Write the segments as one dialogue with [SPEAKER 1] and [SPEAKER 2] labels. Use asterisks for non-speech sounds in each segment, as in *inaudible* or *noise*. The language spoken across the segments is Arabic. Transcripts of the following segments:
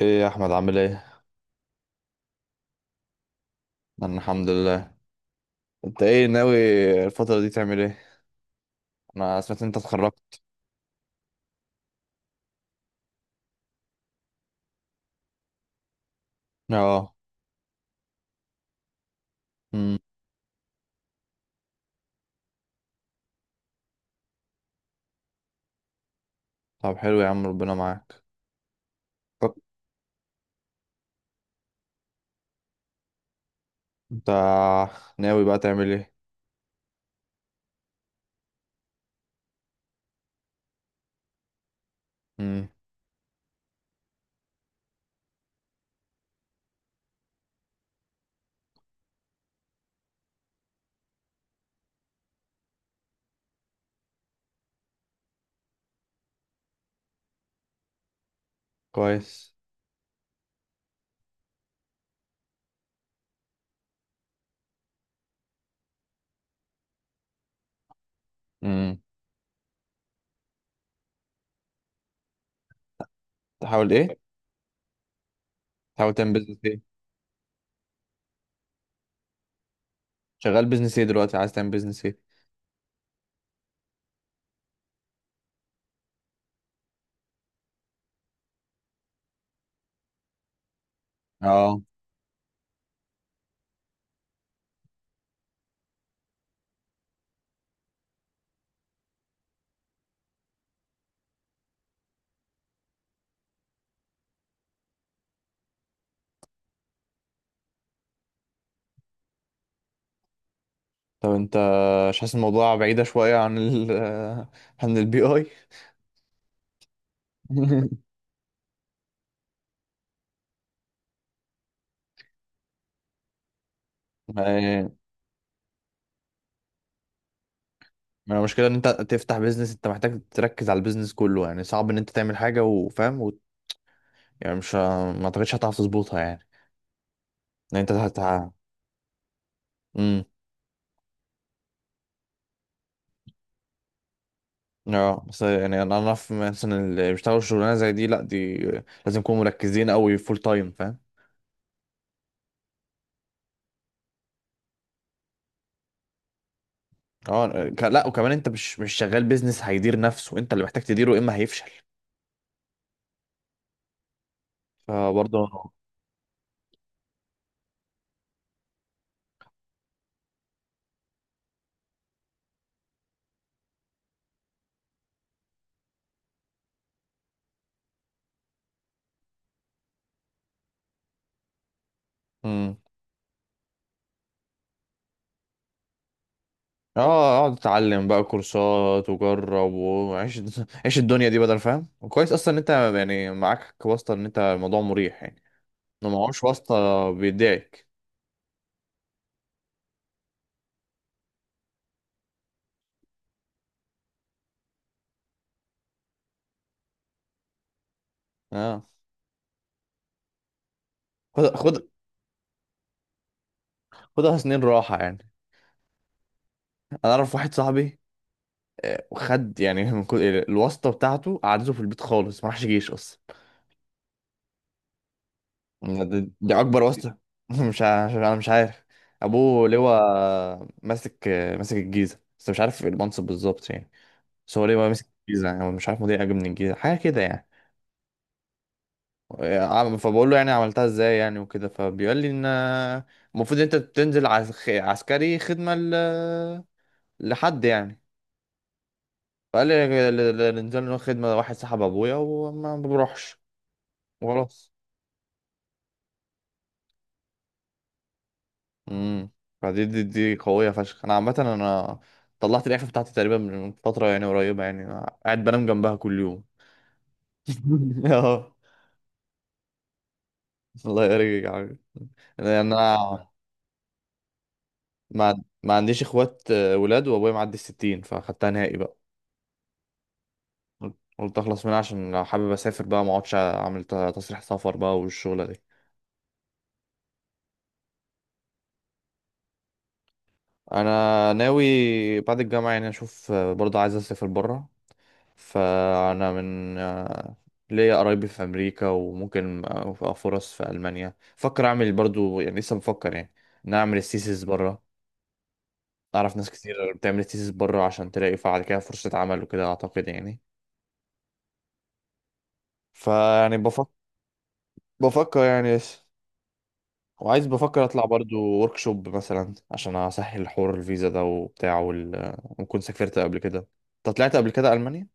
[SPEAKER 1] ايه يا احمد، عامل ايه؟ انا الحمد لله. انت ايه ناوي الفتره دي تعمل ايه؟ انا سمعت إن انت اتخرجت. اه. امم. طب حلو يا عم، ربنا معاك. طب انت ناوي بقى تعمل ايه؟ امم. كويس. امم. تحاول ايه؟ تحاول تعمل بيزنس ايه؟ شغال بيزنس ايه دلوقتي؟ عايز تعمل بيزنس ايه؟ اه. طب انت مش حاسس الموضوع بعيده شويه عن *laughs* عن البي اي *laughs* ما ما المشكلة ان انت تفتح بيزنس، انت محتاج تركز على البيزنس كله، يعني صعب ان انت تعمل حاجة، وفاهم يعني مش ه- ما اعتقدش هتعرف تظبطها يعني، ان انت هت... امم. اه، بس يعني انا اعرف مثلا اللي بيشتغلوا شغلانه زي دي، لا، دي لازم يكونوا مركزين قوي فول تايم، فاهم؟ اه، ك... لا، وكمان انت مش شغال، بيزنس هيدير نفسه؟ انت اللي محتاج تديره، يا اما هيفشل. فبرضه. امم. اه، اقعد اتعلم بقى كورسات وجرب وعيش *laughs* عيش الدنيا دي، بدل فاهم، وكويس اصلا ان انت يعني معاك واسطه، ان انت الموضوع مريح يعني. لو معهوش واسطه بيدعك. اه. خد، خد، خدها سنين راحه يعني. انا اعرف واحد صاحبي، خد يعني *laughs* من كل الواسطه بتاعته قعدته في البيت خالص، ما راحش جيش اصلا. دي اكبر واسطه. *laughs* مش ع- مش- انا مش عارف. ابوه لواء ماسك الجيزه، بس مش عارف المنصب بالظبط يعني. بس هو لواء ماسك الجيزه، يعني هو مش عارف، مدير اجي من الجيزه، حاجه كده يعني. فبقول له يعني عملتها ازاي يعني، وكده، فبيقول لي ان المفروض انت بتنزل عسكري خدمه لحد يعني. فقال لي اللي نزل له خدمه واحد صاحب ابويا وما بروحش وراث. امم. فدي دي, دي قوية فشخ. انا عامة، انا طلعت الإعفاء بتاعتي تقريبا من فترة يعني قريبة، يعني أنا قاعد بنام جنبها كل يوم. *laughs* اه. الله يرجع يعني، انا ما عنديش اخوات ولاد، وابويا معدي الـ 60، فاخدتها نهائي بقى. قلت اخلص منها، عشان لو حابب اسافر بقى ما اقعدش اعمل تصريح سفر بقى والشغلة دي. انا ناوي بعد الجامعة يعني اشوف، برضه عايز اسافر بره، فأنا من ليا قرايبي في أمريكا، وممكن أبقى فرص في ألمانيا، فكر أعمل برضو يعني، لسه بفكر يعني إن أنا أعمل الثيسيس بره. أعرف ناس كتير بتعمل الثيسيس بره، عشان تلاقي بعد كده فرصة عمل وكده، أعتقد يعني. فيعني بفكر يعني لسه. وعايز، بفكر أطلع برضو شوب مثلا، عشان أسهل حوار الفيزا ده وبتاع وال... وكنت سافرت قبل كده. أنت طلعت قبل كده ألمانيا؟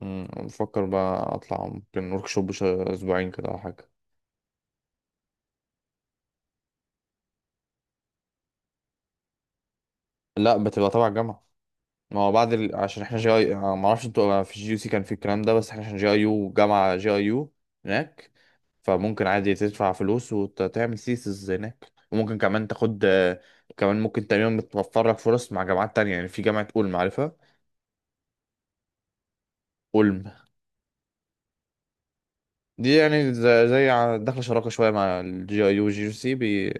[SPEAKER 1] بفكر بقى أطلع ممكن شوب أسبوعين كده أو حاجة. لا، بتبقى تبع الجامعة. ما هو بعد ال... عشان احنا GI، ما اعرفش انتوا، في GUC كان في الكلام ده، بس احنا عشان GIU، جامعة GIU هناك. فممكن عادي تدفع فلوس وتعمل سيسز هناك، وممكن كمان تاخد كمان ممكن تقريبا بتوفر لك فرص مع جامعات تانية، يعني في جامعة أولم، عارفها؟ أولم. دي يعني زي داخلة شراكة شوية مع الـ GIU والجي يو سي بي...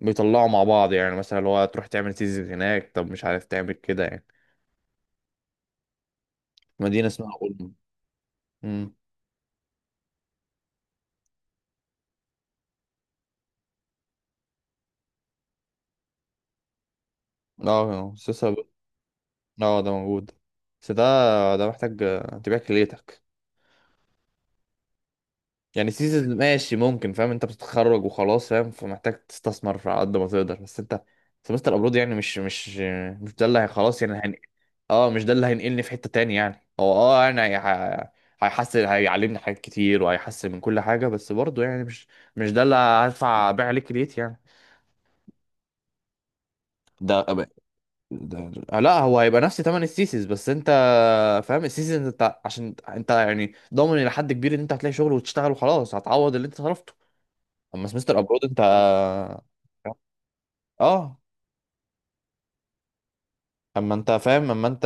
[SPEAKER 1] بيطلعوا مع بعض، يعني مثلا اللي هو تروح تعمل سيسز هناك، طب مش عارف تعمل كده يعني. مدينة اسمها أولم. امم. اه، اه، ده موجود. بس ده محتاج تبيع كليتك، يعني سيزون ماشي ممكن، فاهم؟ انت بتتخرج وخلاص، فاهم؟ فمحتاج تستثمر على قد ما تقدر، بس انت، سمستر ابرود يعني مش مش ده اللي خلاص يعني هن... اه، مش ده اللي هينقلني في حتة تاني يعني، هو اه انا هيحسن، هيعلمني حاجات كتير وهيحسن من كل حاجة، بس برضه يعني مش، مش ده اللي هدفع بيع عليه كليتي يعني. ده ده لا، هو هيبقى نفس تمن السيسيس، بس انت فاهم السيزون، انت عشان انت يعني ضامن الى حد كبير ان انت هتلاقي شغل وتشتغل وخلاص هتعوض اللي انت صرفته. اما سمستر ابرود انت، اه اما انت فاهم، اما انت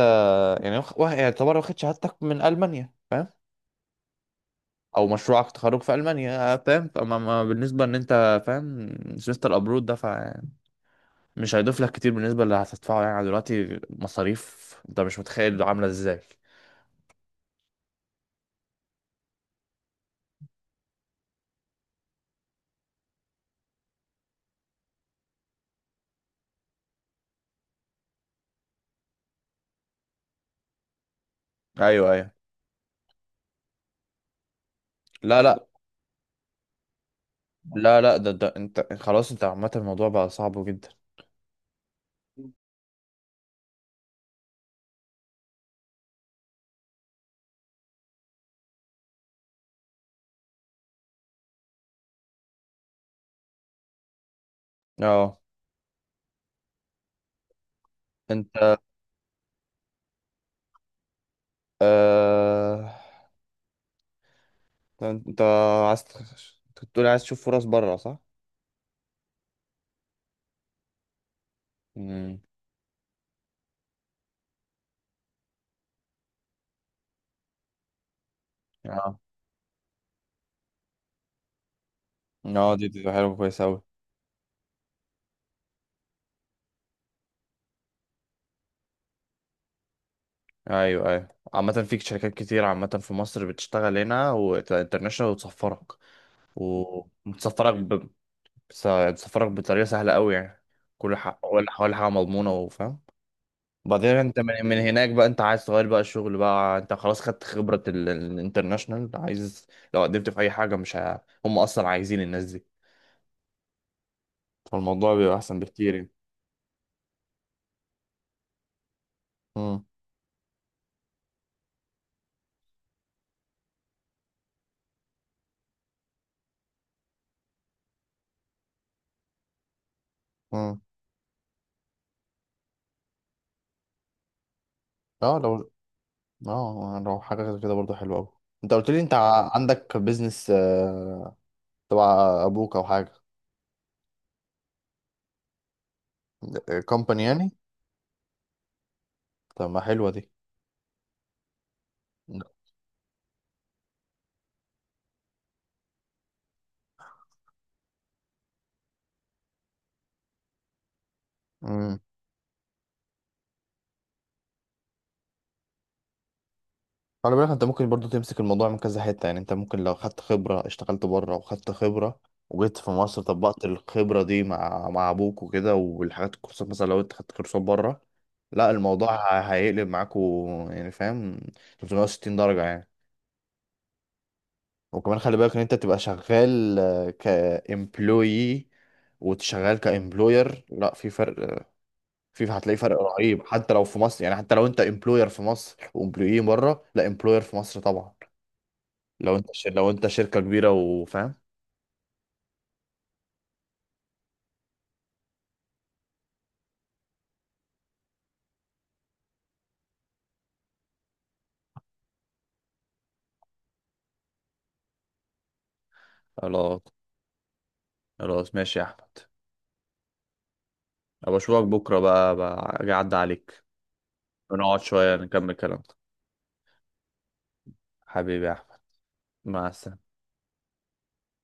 [SPEAKER 1] يعني يعني يعتبر واخد شهادتك من المانيا، فاهم، او مشروعك تخرج في المانيا، فاهم. اما بالنسبه ان انت فاهم، سمستر ابرود ده فمش هيضيف لك كتير بالنسبه اللي هتدفعه، يعني دلوقتي مصاريف انت مش متخيل عامله ازاي. ايوه، ايوه. لا، لا، لا، لا، ده انت خلاص، انت عامه الموضوع بقى صعب جدا. اه. انت آه... انت عايز كنت بتقول عايز تشوف فرص بره، صح؟ امم. اه، اه، دي حلوه كويس اوي. ايوه، ايوه، عامة فيك شركات كتير، عامة في مصر بتشتغل هنا وانترناشونال وتسفرك، ومتسفرك ب... بتسفرك بطريقة سهلة اوي يعني، كل حاجة، ولا حاجة مضمونة، وفاهم. بعدين انت من هناك بقى انت عايز تغير بقى الشغل، بقى انت خلاص خدت خبرة الانترناشونال، عايز لو قدمت في اي حاجة مش ه... هم اصلا عايزين الناس دي. فالموضوع بيبقى احسن بكتير يعني. امم، امم. اه، لو حاجه غير كده برضه حلوه قوي. انت قلت لي انت عندك بيزنس تبع ابوك او حاجه. كومباني يعني. طب ما حلوه دي. امم. خلي بالك انت ممكن برضه تمسك الموضوع من كذا حته، يعني انت ممكن لو خدت خبره اشتغلت بره وخدت خبره، وجيت في مصر طبقت الخبره دي مع ابوك وكده، والحاجات الكورسات مثلا لو انت خدت كورسات بره، لا الموضوع هيقلب معاكوا يعني، فاهم، 360 درجه يعني. وكمان خلي بالك ان انت تبقى شغال كإمبلويي وتشغال كإمبلوير، لا في فرق، في هتلاقي فرق رهيب حتى لو في مصر، يعني حتى لو انت إمبلوير في مصر وإمبلويي بره، لا إمبلوير في مصر طبعا، لو انت ش... لو انت شركة كبيرة، وفاهم. خلاص. خلاص ماشي يا احمد، ابقى اشوفك بكره بقى اجي اعدي عليك، ونقعد شويه نكمل كلامنا. حبيبي يا احمد. مع السلامه.